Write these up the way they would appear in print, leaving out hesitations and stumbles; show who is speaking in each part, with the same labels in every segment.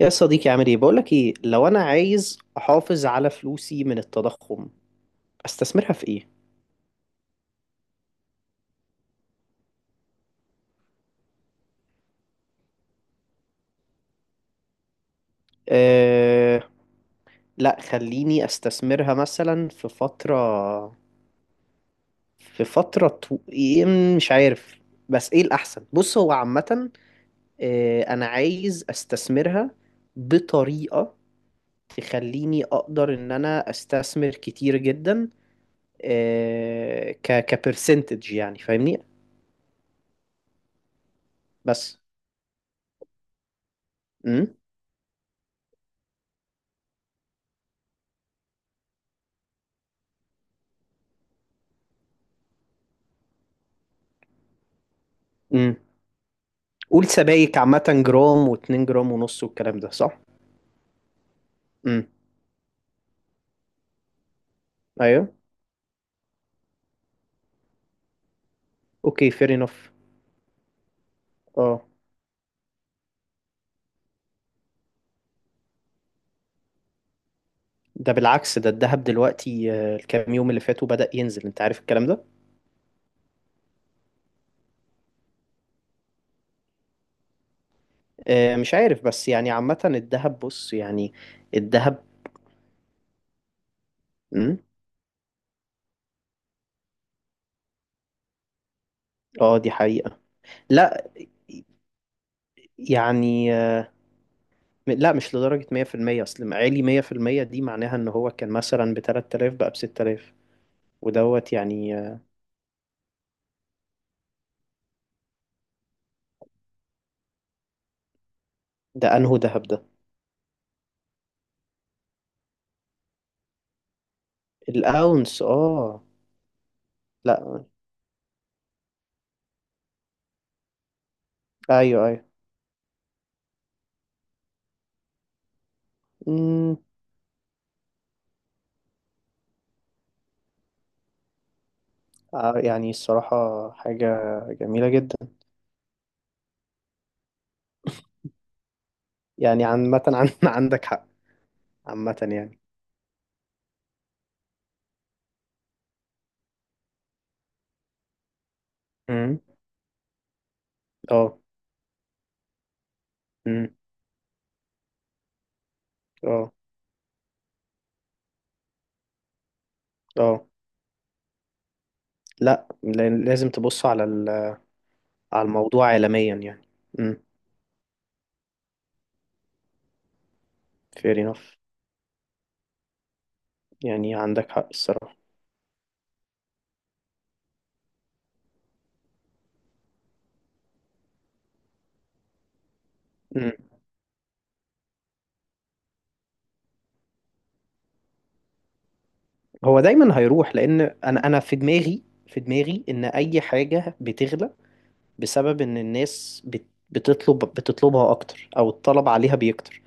Speaker 1: يا صديقي عامل ايه؟ بقولك ايه. لو انا عايز احافظ على فلوسي من التضخم، استثمرها في ايه؟ أه... لا، خليني استثمرها مثلا في فترة، إيه، مش عارف. بس ايه الاحسن؟ بص، هو عامة انا عايز استثمرها بطريقة تخليني اقدر ان انا استثمر كتير جدا، كبرسنتج، يعني فاهمني؟ بس امم قول. سبايك عامة جرام واتنين جرام ونص والكلام ده صح؟ امم ايوه اوكي، فير انف. اه. ده بالعكس، ده الذهب دلوقتي، الكام يوم اللي فاتوا بدأ ينزل، انت عارف الكلام ده؟ مش عارف، بس يعني عامة الذهب، بص يعني. الذهب. امم اه، دي حقيقة. لا، يعني لا، مش لدرجة 100%. اصل عالي 100% دي معناها ان هو كان مثلا ب 3000 بقى ب 6000 ودوت، يعني ده انهو ذهب ده؟ الاونس، اه. لا. ايوه، ايوه. يعني الصراحة حاجة جميلة جدا. يعني عامة عن عندك حق. عامة يعني. امم اه. امم اه. اه. لا، لازم تبص على على الموضوع عالميا يعني. امم fair enough. يعني عندك حق الصراحة. امم هو دايما هيروح، لأن أنا في دماغي إن أي حاجة بتغلى بسبب إن الناس بتطلب بتطلبها أكتر، أو الطلب عليها بيكتر.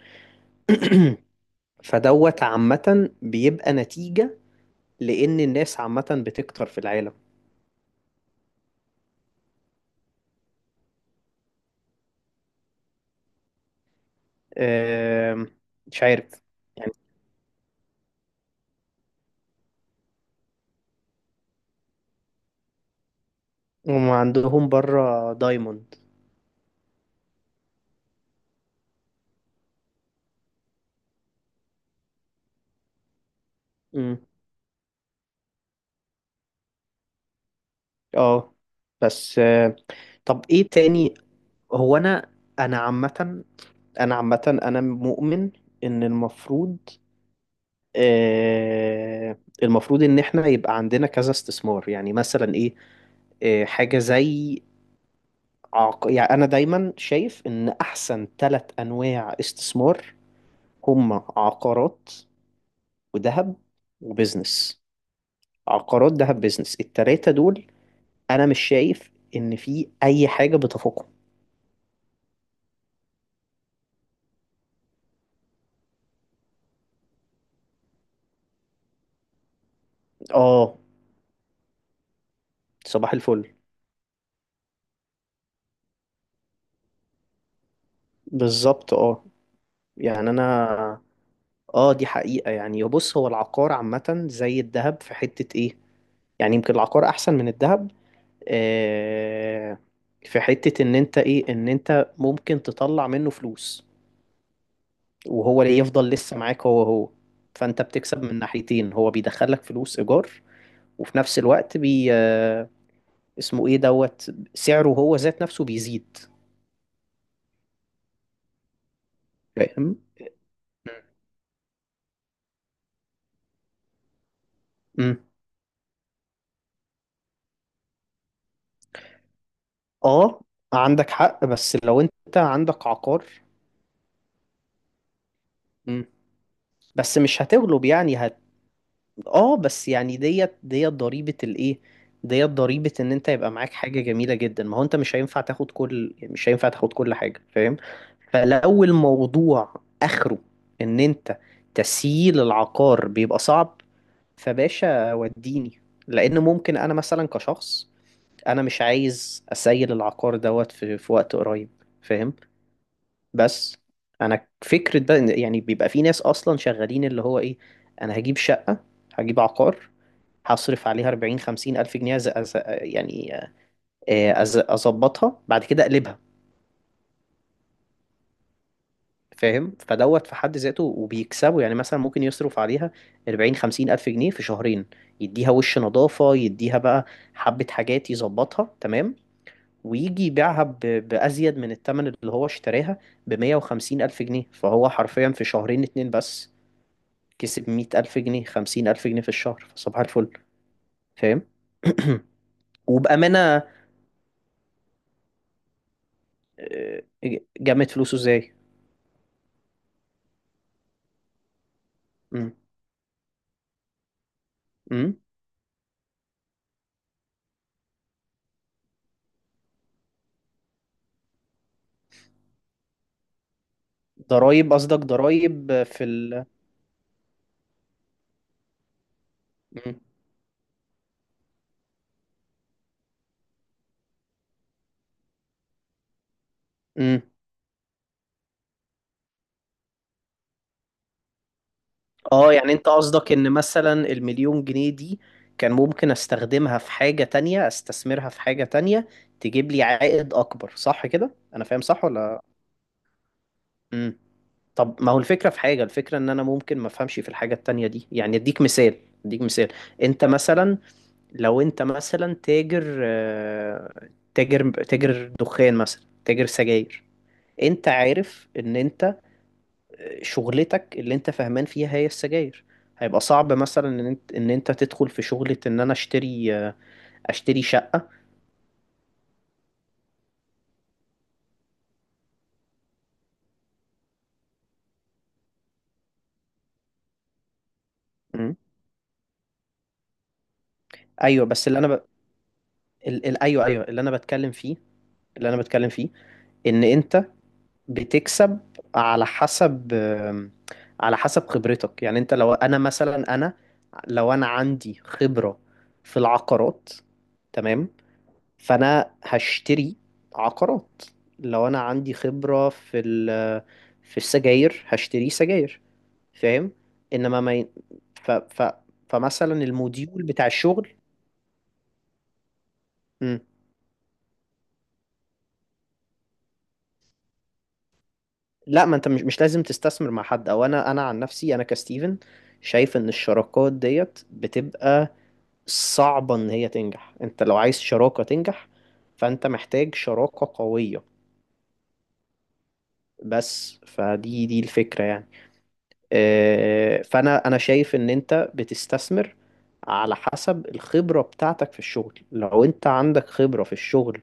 Speaker 1: فدوت عامة بيبقى نتيجة، لأن الناس عامة بتكتر في العالم. آم، مش عارف يعني. هم عندهم بره دايموند. مم. اه، بس طب ايه تاني؟ هو انا عامة، انا مؤمن ان المفروض، آه المفروض ان احنا يبقى عندنا كذا استثمار. يعني مثلا ايه؟ آه، حاجة زي، يعني انا دايما شايف ان احسن ثلاث انواع استثمار هما عقارات وذهب وبزنس. عقارات، ذهب، بزنس، التلاتة دول انا مش شايف ان في اي حاجة بتفوقهم. اه. صباح الفل. بالظبط، اه. يعني انا، اه، دي حقيقة يعني. بص، هو العقار عامة زي الذهب في حتة ايه. يعني يمكن العقار احسن من الذهب، آه، في حتة ان انت ايه، ان انت ممكن تطلع منه فلوس، وهو اللي يفضل لسه معاك هو هو. فانت بتكسب من ناحيتين، هو بيدخلك فلوس ايجار، وفي نفس الوقت بي آه، اسمه ايه، دوت سعره هو ذات نفسه بيزيد. فاهم. امم اه، عندك حق. بس لو انت عندك عقار، امم بس مش هتغلب، يعني هت. اه بس يعني، ديت ضريبة الايه، ديت ضريبة ان انت يبقى معاك حاجة جميلة جدا. ما هو انت مش هينفع تاخد كل، يعني مش هينفع تاخد كل حاجة. فاهم. فلو الموضوع اخره ان انت تسييل العقار بيبقى صعب، فباشا وديني، لان ممكن انا مثلا كشخص انا مش عايز اسيل العقار دوت في وقت قريب. فاهم. بس انا فكرة بقى، يعني بيبقى في ناس اصلا شغالين اللي هو ايه، انا هجيب شقة، هجيب عقار، هصرف عليها 40 50 الف جنيه، يعني اظبطها بعد كده اقلبها. فاهم. فدوت في حد ذاته وبيكسبوا. يعني مثلا ممكن يصرف عليها 40 50 ألف جنيه في شهرين، يديها وش نظافة، يديها بقى حبة حاجات يظبطها تمام، ويجي يبيعها بأزيد من الثمن اللي هو اشتراها، ب 150 ألف جنيه. فهو حرفيا في شهرين اتنين بس كسب 100 ألف جنيه، 50 ألف جنيه في الشهر. فصباح الفل. فاهم. وبأمانة، آه، جمعت فلوسه ازاي؟ مم. مم. ضرايب، قصدك ضرايب في ال؟ مم. مم. اه، يعني انت قصدك ان مثلا المليون جنيه دي كان ممكن استخدمها في حاجة تانية، استثمرها في حاجة تانية تجيب لي عائد اكبر. صح كده، انا فاهم صح ولا؟ امم طب ما هو الفكرة في حاجة. الفكرة ان انا ممكن ما افهمش في الحاجة التانية دي. يعني اديك مثال، اديك مثال. انت مثلا، لو انت مثلا تاجر، تاجر دخان، مثلا تاجر سجاير، انت عارف ان انت شغلتك اللي انت فاهمان فيها هي السجاير. هيبقى صعب مثلا ان انت، تدخل في شغلة ان انا اشتري، اشتري شقة. مم. ايوه بس اللي انا ايوه ايوه، اللي انا بتكلم فيه، اللي انا بتكلم فيه ان انت بتكسب على حسب، على حسب خبرتك. يعني انت لو انا مثلا، لو انا عندي خبرة في العقارات، تمام، فانا هشتري عقارات. لو انا عندي خبرة في في السجاير، هشتري سجاير. فاهم. انما ما ي... ف... ف... فمثلا الموديول بتاع الشغل. مم. لا، ما انت مش لازم تستثمر مع حد. او انا، انا عن نفسي انا كستيفن شايف ان الشراكات ديت بتبقى صعبة ان هي تنجح. انت لو عايز شراكة تنجح فانت محتاج شراكة قوية بس. فدي دي الفكرة يعني. فانا انا شايف ان انت بتستثمر على حسب الخبرة بتاعتك في الشغل. لو انت عندك خبرة في الشغل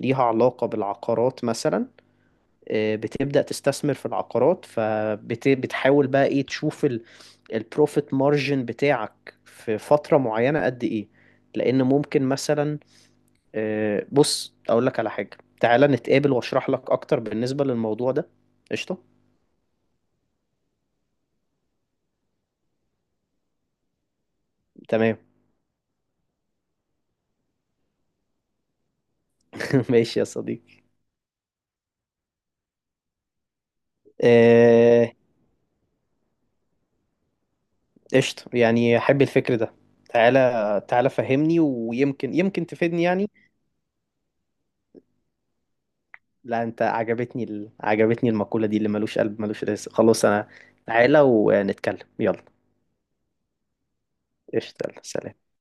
Speaker 1: ليها علاقة بالعقارات مثلا، آه، بتبدأ تستثمر في العقارات. فبتحاول بقى ايه، تشوف البروفيت مارجن بتاعك في فترة معينة قد ايه. لان ممكن مثلا، بص اقول لك على حاجة، تعالى نتقابل واشرح لك اكتر بالنسبة للموضوع ده. قشطة. تمام. ماشي يا صديقي. آه، قشطة، يعني أحب الفكر ده. تعالى تعالى فهمني، ويمكن يمكن تفيدني يعني. لا، أنت عجبتني، عجبتني المقولة دي، اللي ملوش قلب ملوش رزق. خلاص أنا، تعالى ونتكلم يلا. قشطة، يلا سلام.